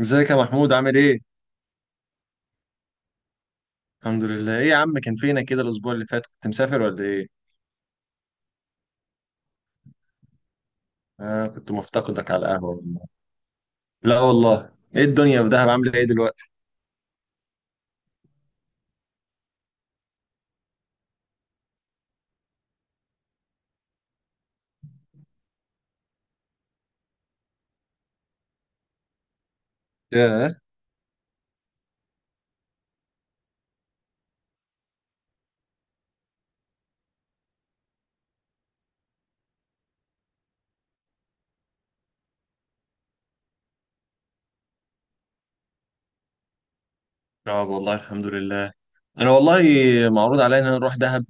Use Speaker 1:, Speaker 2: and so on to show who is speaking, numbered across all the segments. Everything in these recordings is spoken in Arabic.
Speaker 1: ازيك يا محمود؟ عامل ايه؟ الحمد لله. ايه يا عم، كان فينك كده الاسبوع اللي فات؟ كنت مسافر ولا ايه؟ آه، كنت مفتقدك على القهوة والله. لا والله، ايه الدنيا في دهب عاملة ايه دلوقتي؟ ياه. اه والله الحمد لله. انا والله معروض عليا ان انا اروح دهب،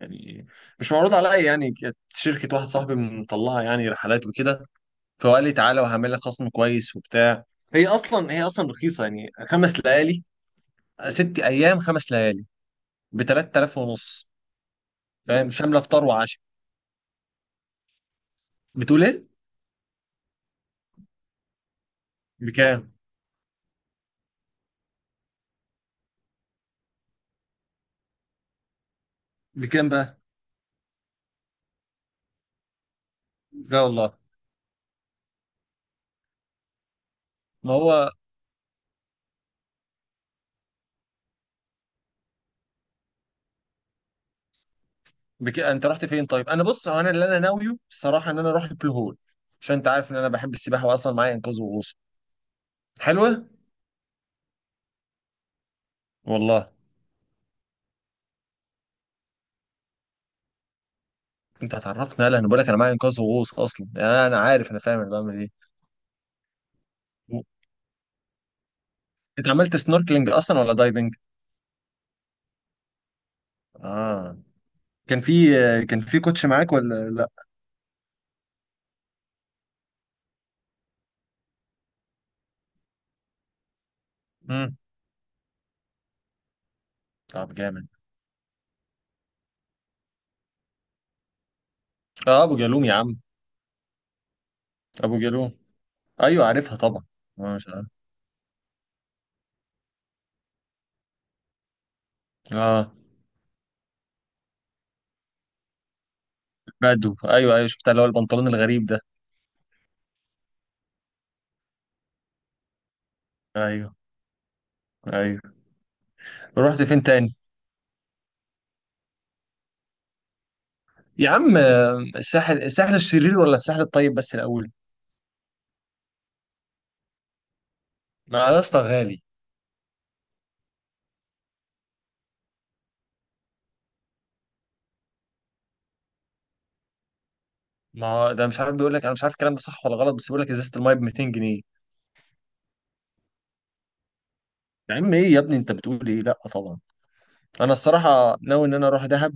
Speaker 1: يعني مش معروض عليا يعني، كانت شركة واحد صاحبي مطلعها، يعني رحلات وكده. فقال لي تعالى وهعمل لك خصم كويس وبتاع. هي اصلا رخيصة يعني، خمس ليالي ست ايام خمس ليالي، ب 3000 ونص، فاهم؟ شاملة فطار وعشاء. بتقول ايه؟ بكام؟ بكام بقى؟ لا والله. ما هو انت رحت فين طيب؟ انا بص، هو انا اللي انا ناويه بصراحه ان انا اروح البلو هول، عشان انت عارف ان انا بحب السباحه، واصلا معايا انقاذ وغوص. حلوه؟ والله. انت هتعرفني، يلا انا بقول لك انا معايا انقاذ وغوص اصلا يعني، انا عارف، انا فاهم انا بعمل ايه. و- انت عملت سنوركلينج اصلا ولا دايفنج؟ اه. كان في كان في كوتش معاك ولا لا؟ امم. طب جامد. اه ابو جالوم يا عم، ابو جالوم، ايوه عارفها طبعا. مش عارف. اه بدو، ايوه ايوه شفتها، اللي هو البنطلون الغريب ده. ايوه ايوه. رحت فين تاني؟ يا عم، الساحل، الساحل الشرير ولا الساحل الطيب بس الاول؟ ما يا اسطى غالي. ما هو ده، مش عارف، بيقول لك، انا مش عارف الكلام ده صح ولا غلط، بس بيقول لك ازازه المايه ب 200 جنيه. يا عم ايه يا ابني، انت بتقول ايه؟ لا طبعا. انا الصراحه ناوي ان انا اروح دهب،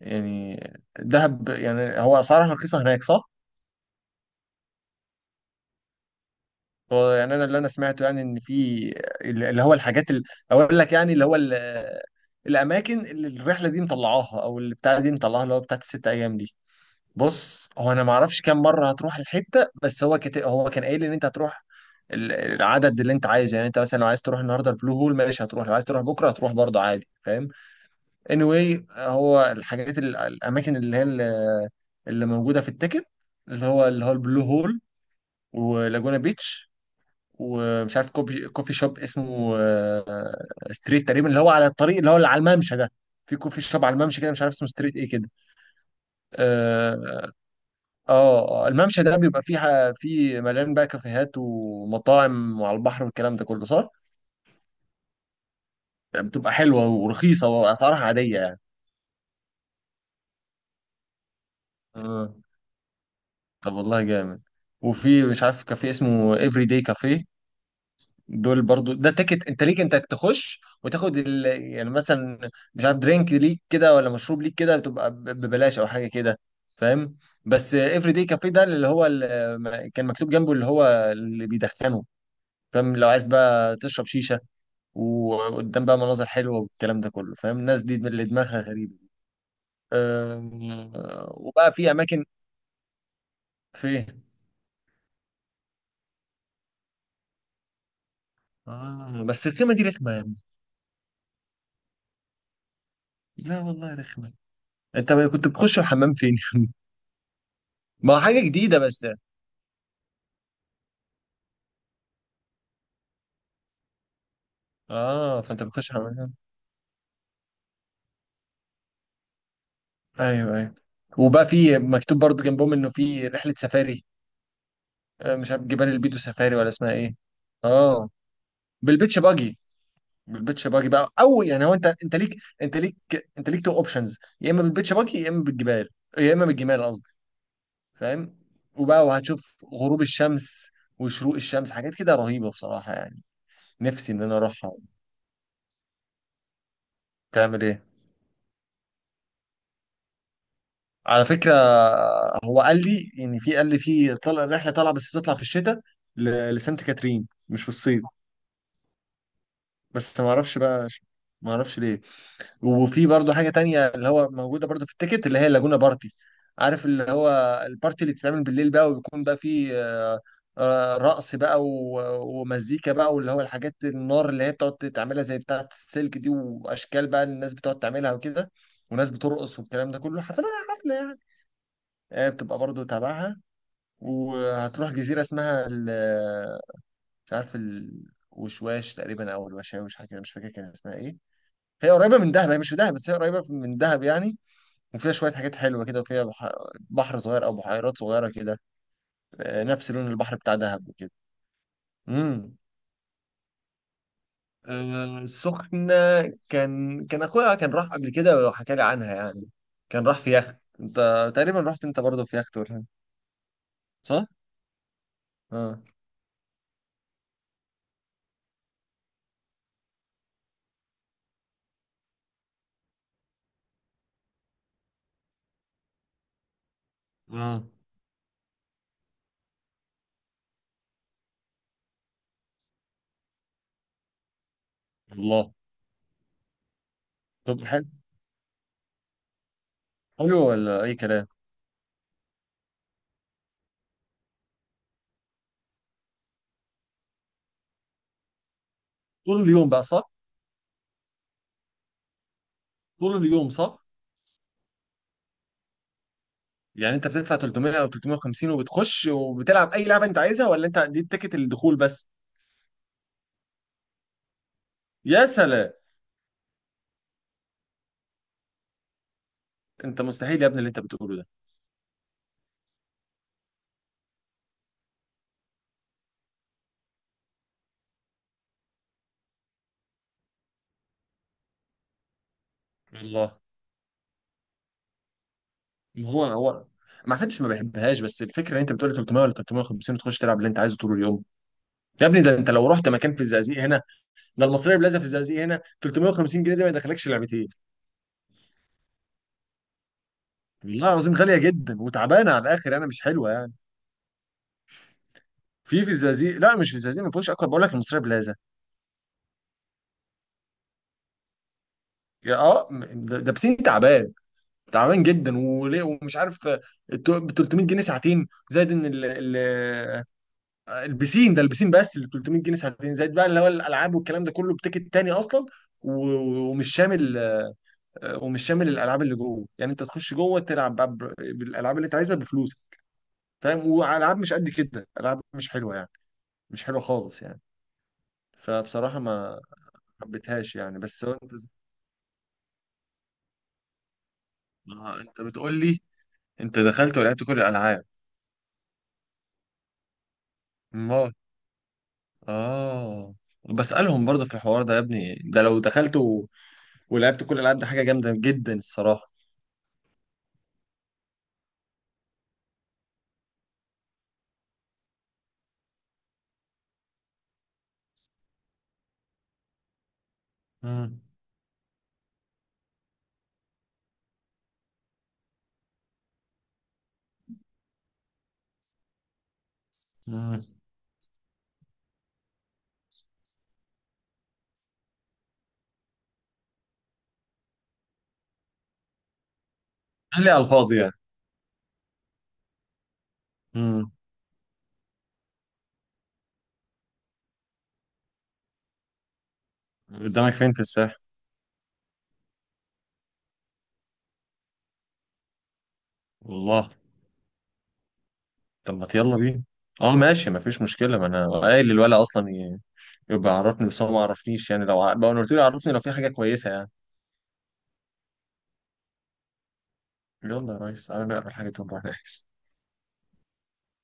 Speaker 1: يعني دهب يعني هو اسعارها رخيصه هناك صح. هو يعني انا اللي انا سمعته يعني، ان في اللي هو الحاجات اللي، اقول لك يعني، اللي هو الاماكن اللي الرحله دي مطلعاها، او اللي بتاع دي مطلعاها، اللي هو بتاعت الست ايام دي. بص هو انا ما اعرفش كام مره هتروح الحته، بس هو هو كان قايل ان انت هتروح العدد اللي انت عايزه، يعني انت مثلا لو عايز تروح النهارده البلو هول ماشي هتروح، لو عايز تروح بكره هتروح برضه عادي، فاهم؟ anyway، هو الحاجات الاماكن اللي هي اللي موجوده في التيكت، اللي هو اللي هو البلو هول، ولاجونا بيتش، ومش عارف كوفي، كوفي شوب اسمه ستريت تقريبا، اللي هو على الطريق اللي هو اللي على الممشى ده، في كوفي شوب على الممشى كده، مش عارف اسمه ستريت ايه كده. آه، اه. الممشى ده بيبقى فيه فيه مليان بقى كافيهات ومطاعم، وعلى البحر والكلام ده كله، صح؟ بتبقى حلوة ورخيصة، وأسعارها عادية يعني. اه طب والله جامد. وفي، مش عارف، كافيه اسمه افري داي كافيه، دول برضو ده تيكت انت ليك، انت تخش وتاخد ال... يعني مثلا مش عارف درينك ليك كده، ولا مشروب ليك كده، بتبقى ببلاش او حاجه كده، فاهم؟ بس افري داي كافيه ده، اللي هو ال... كان مكتوب جنبه اللي هو اللي بيدخنه، فاهم؟ لو عايز بقى تشرب شيشه، وقدام بقى مناظر حلوه والكلام ده كله، فاهم؟ الناس دي من اللي دماغها غريبه. أم... وبقى في اماكن. فين؟ آه بس الخيمه دي رخمه يا ابني. لا والله رخمه. انت ما كنت بتخش الحمام فين؟ ما هو حاجه جديده بس. اه فانت بتخش الحمام. ايوه ايوه. وبقى في مكتوب برضو جنبهم انه في رحله سفاري، مش عارف جبال البيدو سفاري ولا اسمها ايه. اه بالبيتش باجي. بالبيتش باجي بقى، او يعني هو انت، انت ليك انت ليك تو اوبشنز، يا اما بالبيتش باجي، يا اما بالجبال، يا اما بالجمال قصدي، فاهم؟ وبقى وهتشوف غروب الشمس وشروق الشمس، حاجات كده رهيبه بصراحه يعني. نفسي ان انا اروحها. تعمل ايه؟ على فكره هو قال لي، يعني في، قال لي في طلع رحله طالعه، بس بتطلع في الشتاء، لسانت كاترين، مش في الصيف. بس ما اعرفش بقى، ما اعرفش ليه. وفي برضه حاجة تانية، اللي هو موجودة برضه في التيكت، اللي هي اللاجونا بارتي، عارف؟ اللي هو البارتي اللي بتتعمل بالليل بقى، وبيكون بقى فيه رقص بقى ومزيكا بقى، واللي هو الحاجات النار اللي هي بتقعد تعملها، زي بتاعة السلك دي، وأشكال بقى الناس بتقعد تعملها وكده، وناس بترقص والكلام ده كله، حفلة حفلة يعني. بتبقى برضه تابعها. وهتروح جزيرة اسمها مش عارف الوشواش تقريبا، أو الوشاوش، حاجة كده، مش فاكر كان اسمها إيه. هي قريبة من دهب، هي مش في دهب بس هي قريبة من دهب يعني. وفيها شوية حاجات حلوة كده، وفيها بحر صغير، أو بحيرات صغيرة كده، نفس لون البحر بتاع دهب وكده. امم. السخنة، كان أخويا كان راح قبل كده، وحكى لي عنها يعني، كان راح في يخت، أنت تقريبا رحت أنت برضه في يخت ولا؟ صح؟ اه. اه. الله. طب حلو. حلو ولا أي كلام؟ طول اليوم بقى صح؟ طول اليوم صح؟ يعني أنت بتدفع 300 أو 350، وبتخش وبتلعب أي لعبة أنت عايزها، ولا أنت دي تيكت الدخول بس؟ يا سلام. أنت مستحيل يا ابني اللي أنت بتقوله ده. والله. ما هو هو ما حدش ما بيحبهاش، بس الفكره ان انت بتقول 300 ولا 350، وتخش تلعب اللي انت عايزه طول اليوم. يا ابني ده انت لو رحت مكان في الزقازيق هنا، ده المصريه بلازا في الزقازيق هنا، 350 جنيه دي ما يدخلكش لعبتين. والله العظيم غاليه جدا وتعبانه على الاخر، انا مش حلوه يعني. في، في الزقازيق، لا، مش في الزقازيق ما فيهوش اكتر، بقول لك المصريه بلازا. يا اه ده بسين تعبان، تعبان جدا، وليه ومش عارف، ب 300 جنيه ساعتين زائد ان البسين بس ال 300 جنيه ساعتين زائد بقى، اللي هو الالعاب والكلام ده كله، بتيكت تاني اصلا، و- ومش شامل آه، ومش شامل الالعاب اللي جوه يعني، انت تخش جوه تلعب بقى بالالعاب اللي انت عايزها بفلوس، فاهم؟ والعاب مش قد كده، العاب مش حلوه يعني، مش حلوه خالص يعني. فبصراحه ما حبيتهاش يعني، بس هو انت انت بتقول لي انت دخلت ولعبت كل الالعاب. ما اه، بسالهم برضه في الحوار ده يا ابني، ده لو دخلت ولعبت كل الالعاب ده حاجه جامده جدا الصراحه. مم. مم. قال لي على الفاضي يعني. مم. قدامك فين في الساحل؟ والله. طب ما يلا بينا. اه ماشي مفيش مشكلة، ما انا قايل للولد اصلا، يبقى عرفني، بس هو ما عرفنيش يعني، لو بقى انا قلت له عرفني لو في حاجة كويسة يعني. يلا يا ريس تعالى نقرا الحاجة تقوم رايح.